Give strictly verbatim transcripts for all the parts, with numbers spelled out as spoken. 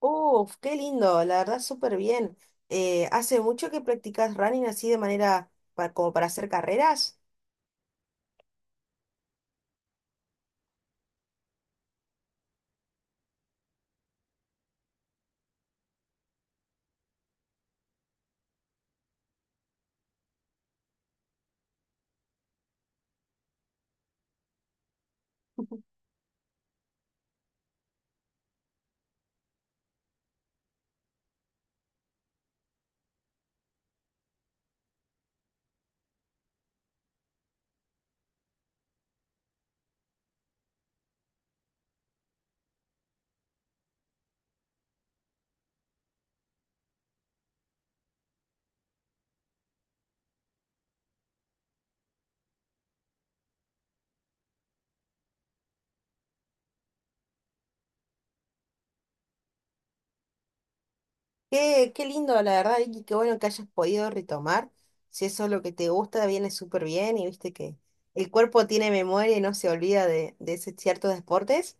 Uf, qué lindo, la verdad súper bien. Eh, ¿hace mucho que practicas running así de manera pa- como para hacer carreras? Qué, qué lindo, la verdad, y qué bueno que hayas podido retomar. Si eso es lo que te gusta, viene súper bien y viste que el cuerpo tiene memoria y no se olvida de, de ese- ciertos deportes.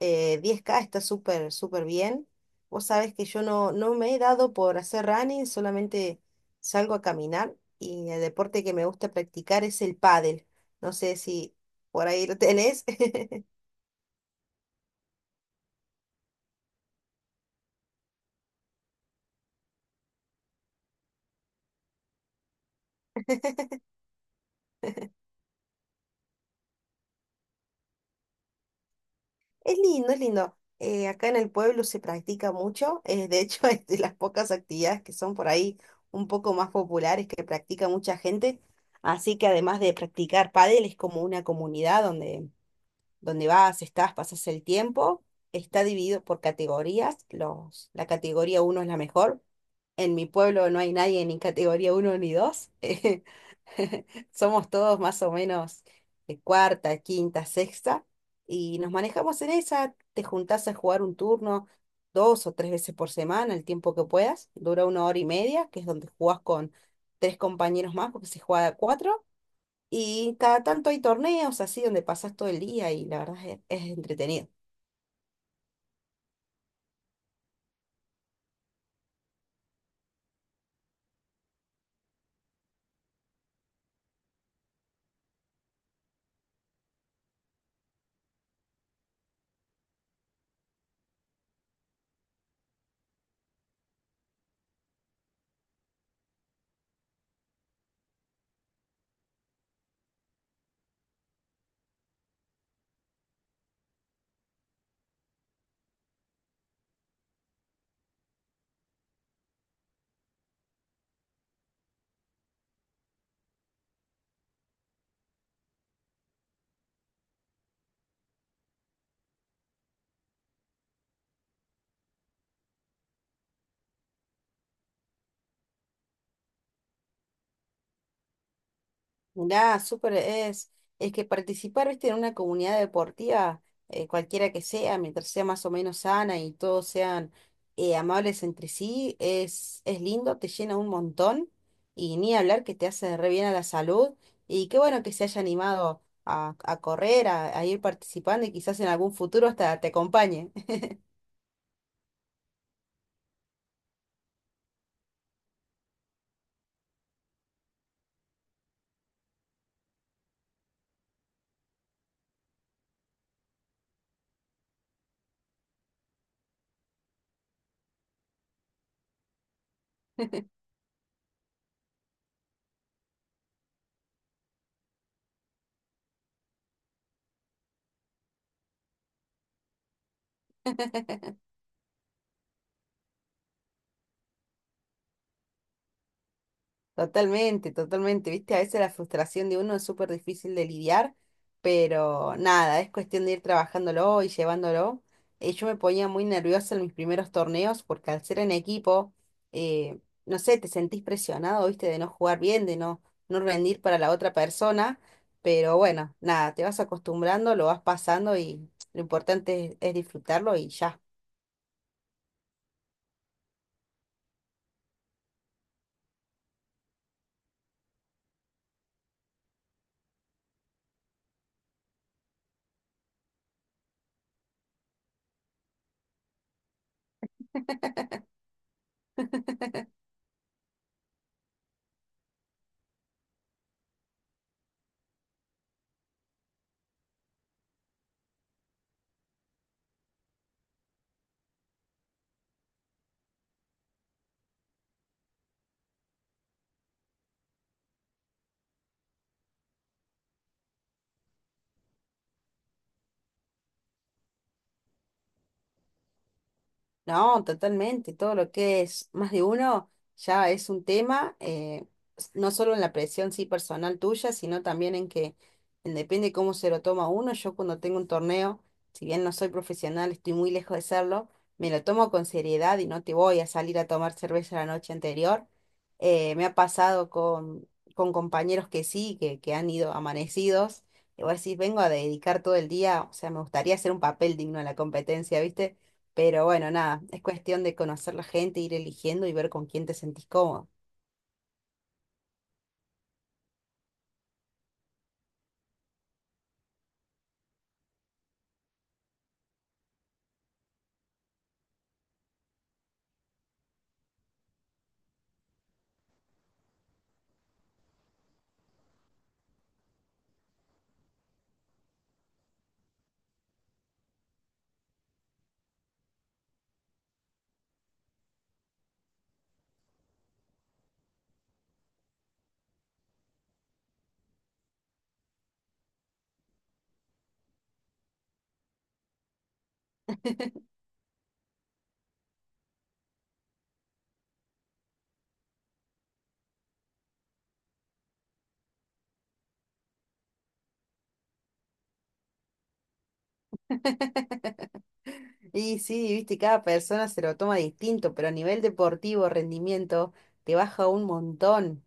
Eh, diez K está súper, súper bien. Vos sabés que yo no, no me he dado por hacer running, solamente salgo a caminar y el deporte que me gusta practicar es el pádel. No sé si por ahí lo tenés. Es lindo, es lindo. Eh, acá en el pueblo se practica mucho. Eh, de hecho, es de las pocas actividades que son por ahí un poco más populares que practica mucha gente. Así que además de practicar pádel, es como una comunidad donde, donde vas, estás, pasas el tiempo. Está dividido por categorías. Los, la categoría uno es la mejor. En mi pueblo no hay nadie ni categoría uno ni dos. Somos todos más o menos de cuarta, quinta, sexta y nos manejamos en esa. Te juntás a jugar un turno dos o tres veces por semana, el tiempo que puedas. Dura una hora y media, que es donde jugás con tres compañeros más porque se juega a cuatro. Y cada tanto hay torneos así donde pasás todo el día y la verdad es, es entretenido. Mirá, súper es. Es que participar, viste, en una comunidad deportiva, eh, cualquiera que sea, mientras sea más o menos sana y todos sean eh, amables entre sí, es, es lindo, te llena un montón y ni hablar que te hace re bien a la salud. Y qué bueno que se haya animado a, a correr, a, a ir participando y quizás en algún futuro hasta te acompañe. Totalmente, totalmente. Viste, a veces la frustración de uno es súper difícil de lidiar, pero nada, es cuestión de ir trabajándolo y llevándolo. Eh, yo me ponía muy nerviosa en mis primeros torneos porque al ser en equipo, eh, no sé, te sentís presionado, viste, de no jugar bien, de no, no rendir para la otra persona, pero bueno, nada, te vas acostumbrando, lo vas pasando y lo importante es es disfrutarlo y ya. No, totalmente. Todo lo que es más de uno ya es un tema, eh, s- no solo en la presión sí personal tuya, sino también en que en depende cómo se lo toma uno. Yo cuando tengo un torneo, si bien no soy profesional, estoy muy lejos de serlo, me lo tomo con seriedad y no te voy a salir a tomar cerveza la noche anterior. Eh, me ha pasado con, con compañeros que sí, que, que han ido amanecidos. Y vos decís, vengo a dedicar todo el día, o sea, me gustaría hacer un papel digno en la competencia, ¿viste? Pero bueno, nada, es cuestión de conocer la gente, ir eligiendo y ver con quién te sentís cómodo. Y sí, viste, cada persona se lo toma distinto, pero a nivel deportivo, rendimiento, te baja un montón.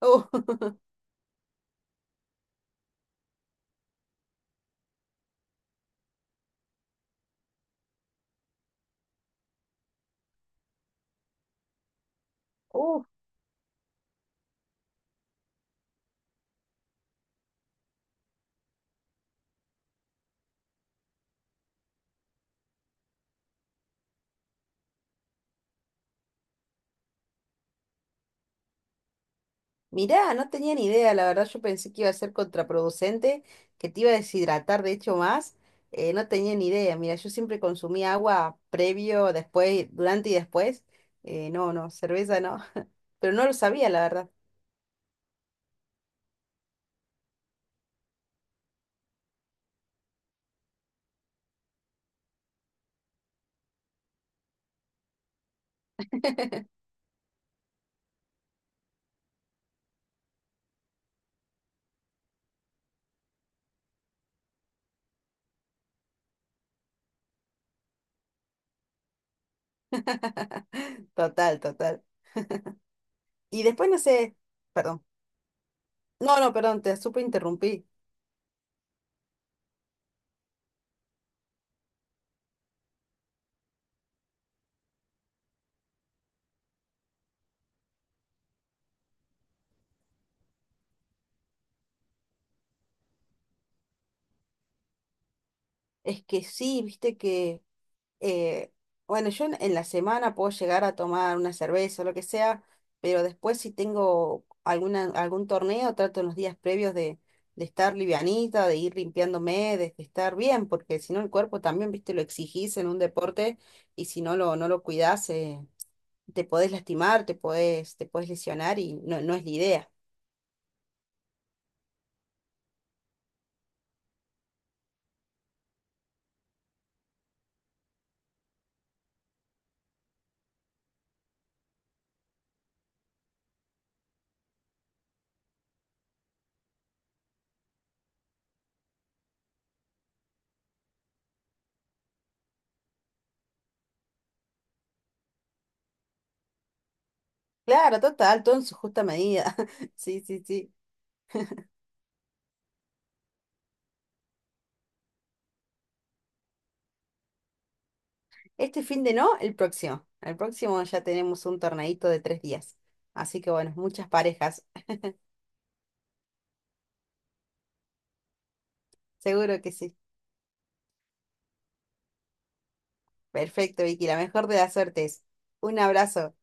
Uh, uh, mirá, no tenía ni idea, la verdad yo pensé que iba a ser contraproducente, que te iba a deshidratar de hecho más. Eh, no tenía ni idea, mira, yo siempre consumí agua previo, después, durante y después. Eh, no, no, cerveza no, pero no lo sabía, la verdad. Total, total. Y después no sé, perdón. No, no, perdón, te súper interrumpí. Es que sí, viste que, eh, bueno, yo en, en la semana puedo llegar a tomar una cerveza o lo que sea, pero después si tengo alguna, algún torneo, trato en los días previos de, de estar livianita, de ir limpiándome, de estar bien, porque si no el cuerpo también, viste, lo exigís en un deporte y si no lo, no lo cuidás, eh, te podés lastimar, te podés, te podés lesionar y no, no es la idea. Claro, total, todo en su justa medida. Sí, sí, sí. Este fin de no, el próximo. El próximo ya tenemos un torneito de tres días. Así que bueno, muchas parejas. Seguro que sí. Perfecto, Vicky, la mejor de las suertes. Un abrazo.